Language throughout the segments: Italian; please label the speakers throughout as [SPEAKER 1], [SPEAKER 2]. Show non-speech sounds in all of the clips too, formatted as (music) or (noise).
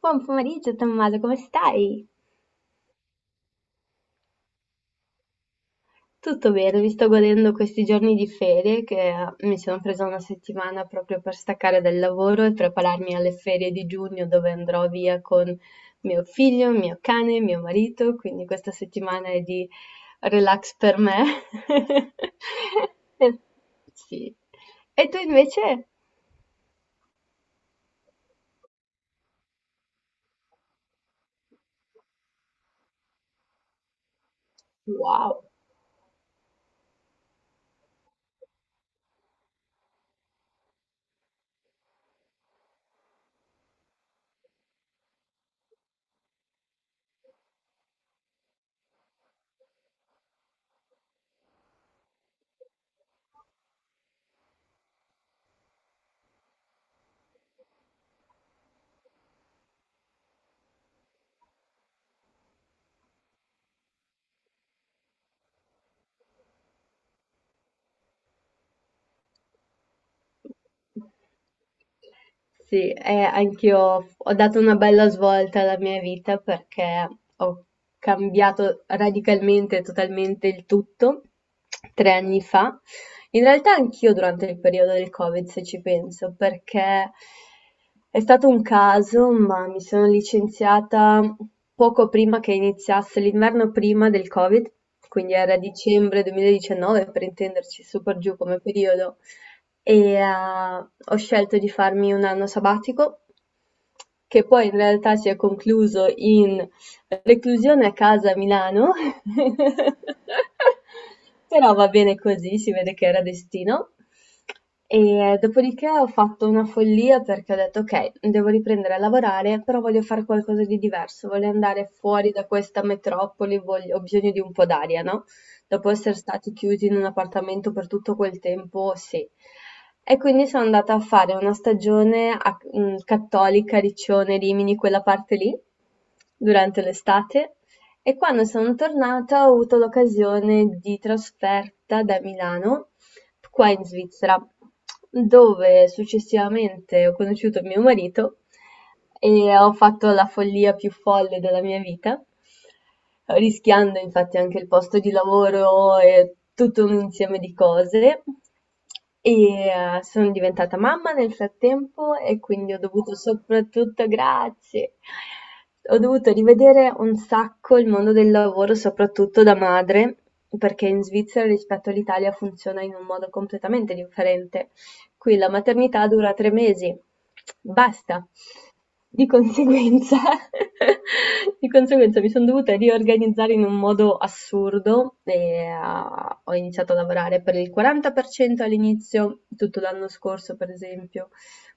[SPEAKER 1] Buon pomeriggio Tommaso, come stai? Tutto bene, mi sto godendo questi giorni di ferie che mi sono presa una settimana proprio per staccare dal lavoro e prepararmi alle ferie di giugno dove andrò via con mio figlio, mio cane, mio marito, quindi questa settimana è di relax per me. (laughs) Sì. E tu invece? Wow! Sì, anch'io ho dato una bella svolta alla mia vita perché ho cambiato radicalmente, totalmente il tutto 3 anni fa. In realtà anch'io durante il periodo del Covid, se ci penso, perché è stato un caso, ma mi sono licenziata poco prima che iniziasse l'inverno prima del Covid, quindi era dicembre 2019 per intenderci, super giù come periodo e ho scelto di farmi un anno sabbatico che poi in realtà si è concluso in reclusione a casa a Milano, (laughs) però va bene così, si vede che era destino. E dopodiché ho fatto una follia perché ho detto ok, devo riprendere a lavorare, però voglio fare qualcosa di diverso, voglio andare fuori da questa metropoli, ho bisogno di un po' d'aria, no? Dopo essere stati chiusi in un appartamento per tutto quel tempo, sì. E quindi sono andata a fare una stagione a Cattolica, Riccione, Rimini, quella parte lì, durante l'estate. E quando sono tornata ho avuto l'occasione di trasferta da Milano qua in Svizzera, dove successivamente ho conosciuto mio marito e ho fatto la follia più folle della mia vita, rischiando infatti anche il posto di lavoro e tutto un insieme di cose. E sono diventata mamma nel frattempo e quindi ho dovuto soprattutto grazie. Ho dovuto rivedere un sacco il mondo del lavoro, soprattutto da madre, perché in Svizzera rispetto all'Italia funziona in un modo completamente differente. Qui la maternità dura 3 mesi. Basta. Di conseguenza, (laughs) di conseguenza mi sono dovuta riorganizzare in un modo assurdo e ho iniziato a lavorare per il 40% all'inizio, tutto l'anno scorso per esempio,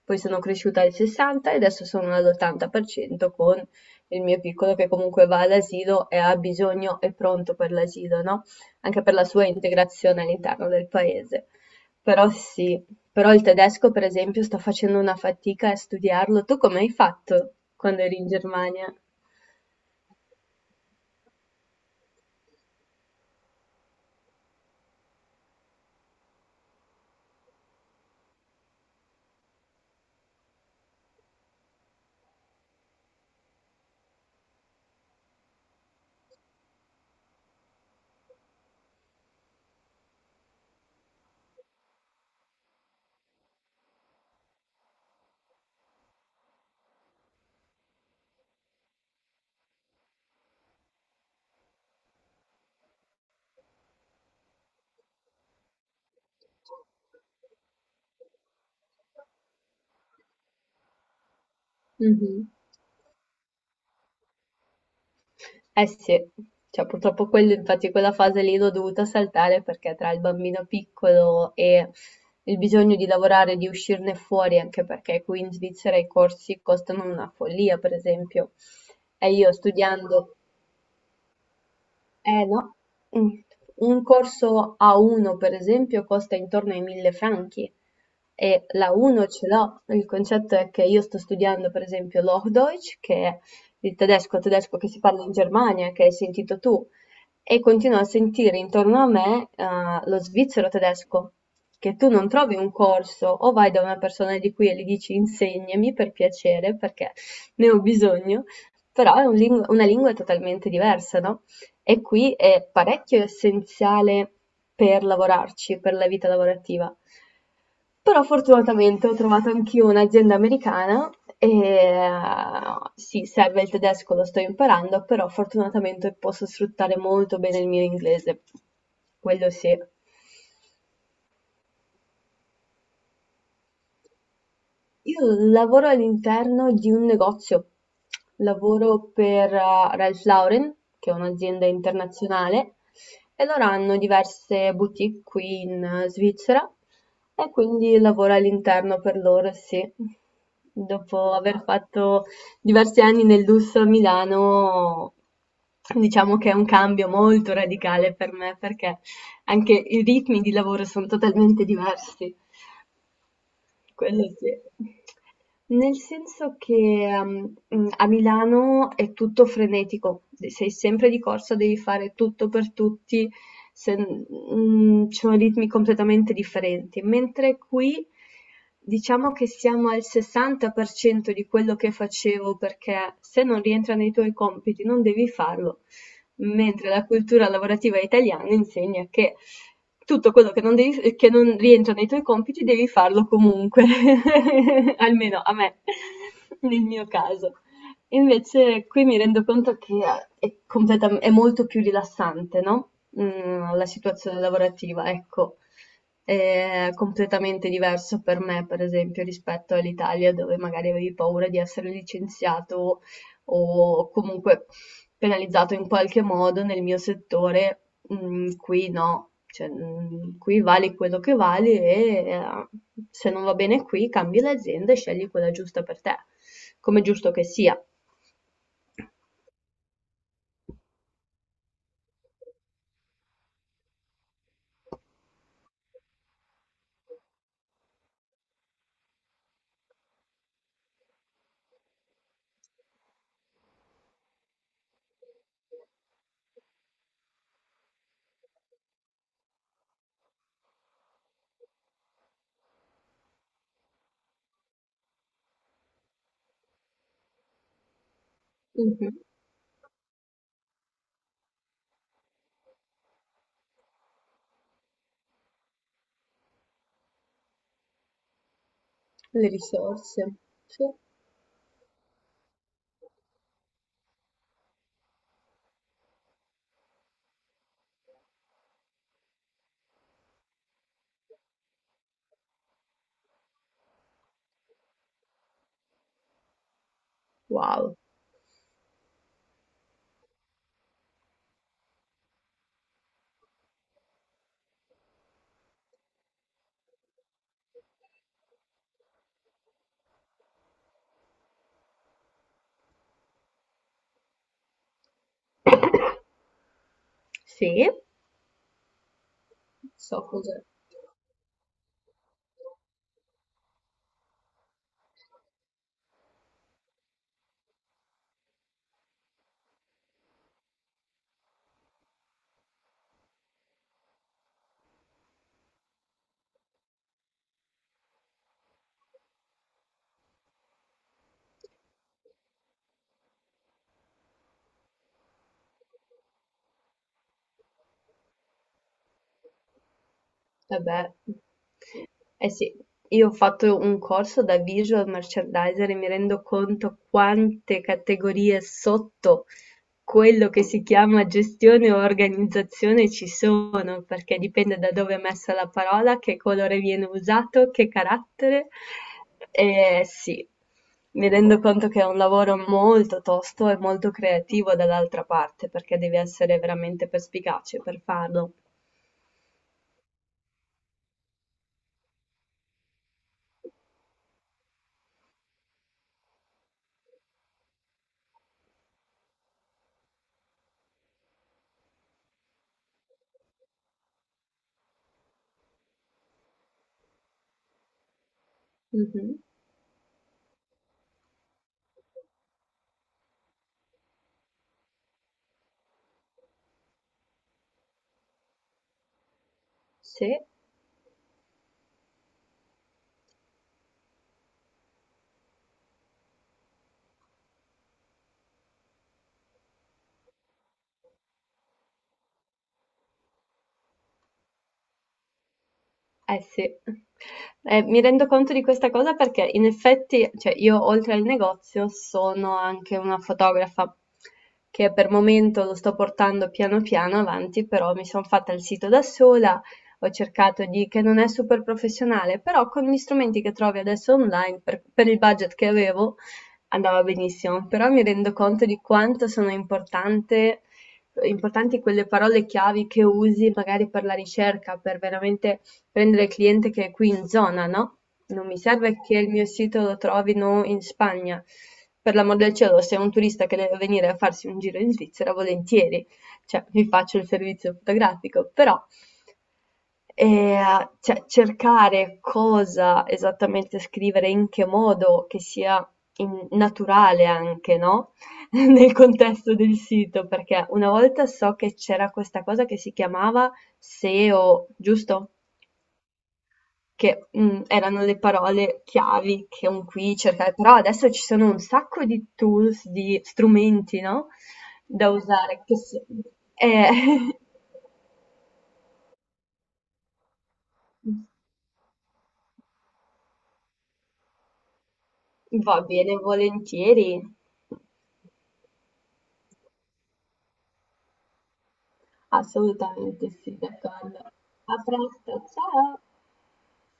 [SPEAKER 1] poi sono cresciuta al 60% e adesso sono all'80% con il mio piccolo che comunque va all'asilo e ha bisogno, è pronto per l'asilo, no? Anche per la sua integrazione all'interno del paese. Però sì, però il tedesco per esempio sto facendo una fatica a studiarlo. Tu come hai fatto quando eri in Germania? Mh-mh. Eh sì, cioè purtroppo quello infatti quella fase lì l'ho dovuta saltare perché tra il bambino piccolo e il bisogno di lavorare, di uscirne fuori, anche perché qui in Svizzera i corsi costano una follia, per esempio. E io studiando. Eh no. Mm. Un corso A1 per esempio costa intorno ai 1000 franchi e l'A1 ce l'ho. Il concetto è che io sto studiando per esempio l'Hochdeutsch, che è il tedesco, tedesco che si parla in Germania, che hai sentito tu, e continuo a sentire intorno a me lo svizzero tedesco, che tu non trovi un corso o vai da una persona di qui e gli dici insegnami per piacere perché ne ho bisogno, però è un una lingua totalmente diversa, no? E qui è parecchio essenziale per lavorarci, per la vita lavorativa. Però fortunatamente ho trovato anch'io un'azienda americana e sì, serve il tedesco, lo sto imparando, però fortunatamente posso sfruttare molto bene il mio inglese, quello sì. Io lavoro all'interno di un negozio, lavoro per Ralph Lauren, che è un'azienda internazionale, e loro hanno diverse boutique qui in Svizzera e quindi lavoro all'interno per loro, sì. Dopo aver fatto diversi anni nel lusso a Milano, diciamo che è un cambio molto radicale per me perché anche i ritmi di lavoro sono totalmente diversi. Quello sì. Nel senso che a Milano è tutto frenetico, sei sempre di corsa, devi fare tutto per tutti, ci sono ritmi completamente differenti, mentre qui diciamo che siamo al 60% di quello che facevo perché se non rientra nei tuoi compiti non devi farlo, mentre la cultura lavorativa italiana insegna che tutto quello che non rientra nei tuoi compiti devi farlo comunque, (laughs) almeno a me, nel mio caso. Invece qui mi rendo conto che è, è molto più rilassante, no? Mm, la situazione lavorativa, ecco, è completamente diverso per me, per esempio, rispetto all'Italia dove magari avevi paura di essere licenziato o comunque penalizzato in qualche modo nel mio settore, qui no, cioè, qui vali quello che vali e se non va bene qui cambi l'azienda e scegli quella giusta per te, come è giusto che sia. Mh-mh. Le risorse. Sì. Wow, sì. So cos'è. Vabbè. Eh sì, io ho fatto un corso da visual merchandiser e mi rendo conto quante categorie sotto quello che si chiama gestione o organizzazione ci sono, perché dipende da dove è messa la parola, che colore viene usato, che carattere. E sì, mi rendo conto che è un lavoro molto tosto e molto creativo dall'altra parte, perché devi essere veramente perspicace per farlo. Mhm. Sì. Eh sì, mi rendo conto di questa cosa perché in effetti, cioè io oltre al negozio sono anche una fotografa che per momento lo sto portando piano piano avanti, però mi sono fatta il sito da sola, ho cercato di, che non è super professionale, però con gli strumenti che trovi adesso online, per il budget che avevo, andava benissimo, però mi rendo conto di quanto sono importante importanti quelle parole chiavi che usi magari per la ricerca, per veramente prendere il cliente che è qui in zona, no? Non mi serve che il mio sito lo trovino in Spagna. Per l'amor del cielo, se è un turista che deve venire a farsi un giro in Svizzera, volentieri, cioè vi faccio il servizio fotografico, però eh, cioè, cercare cosa esattamente scrivere, in che modo, che sia naturale anche, no? (laughs) Nel contesto del sito, perché una volta so che c'era questa cosa che si chiamava SEO, giusto? Che, erano le parole chiavi che un qui cerca, però adesso ci sono un sacco di tools, di strumenti, no, da usare che s eh, (laughs) va bene, volentieri. Assolutamente sì, d'accordo. A presto, ciao.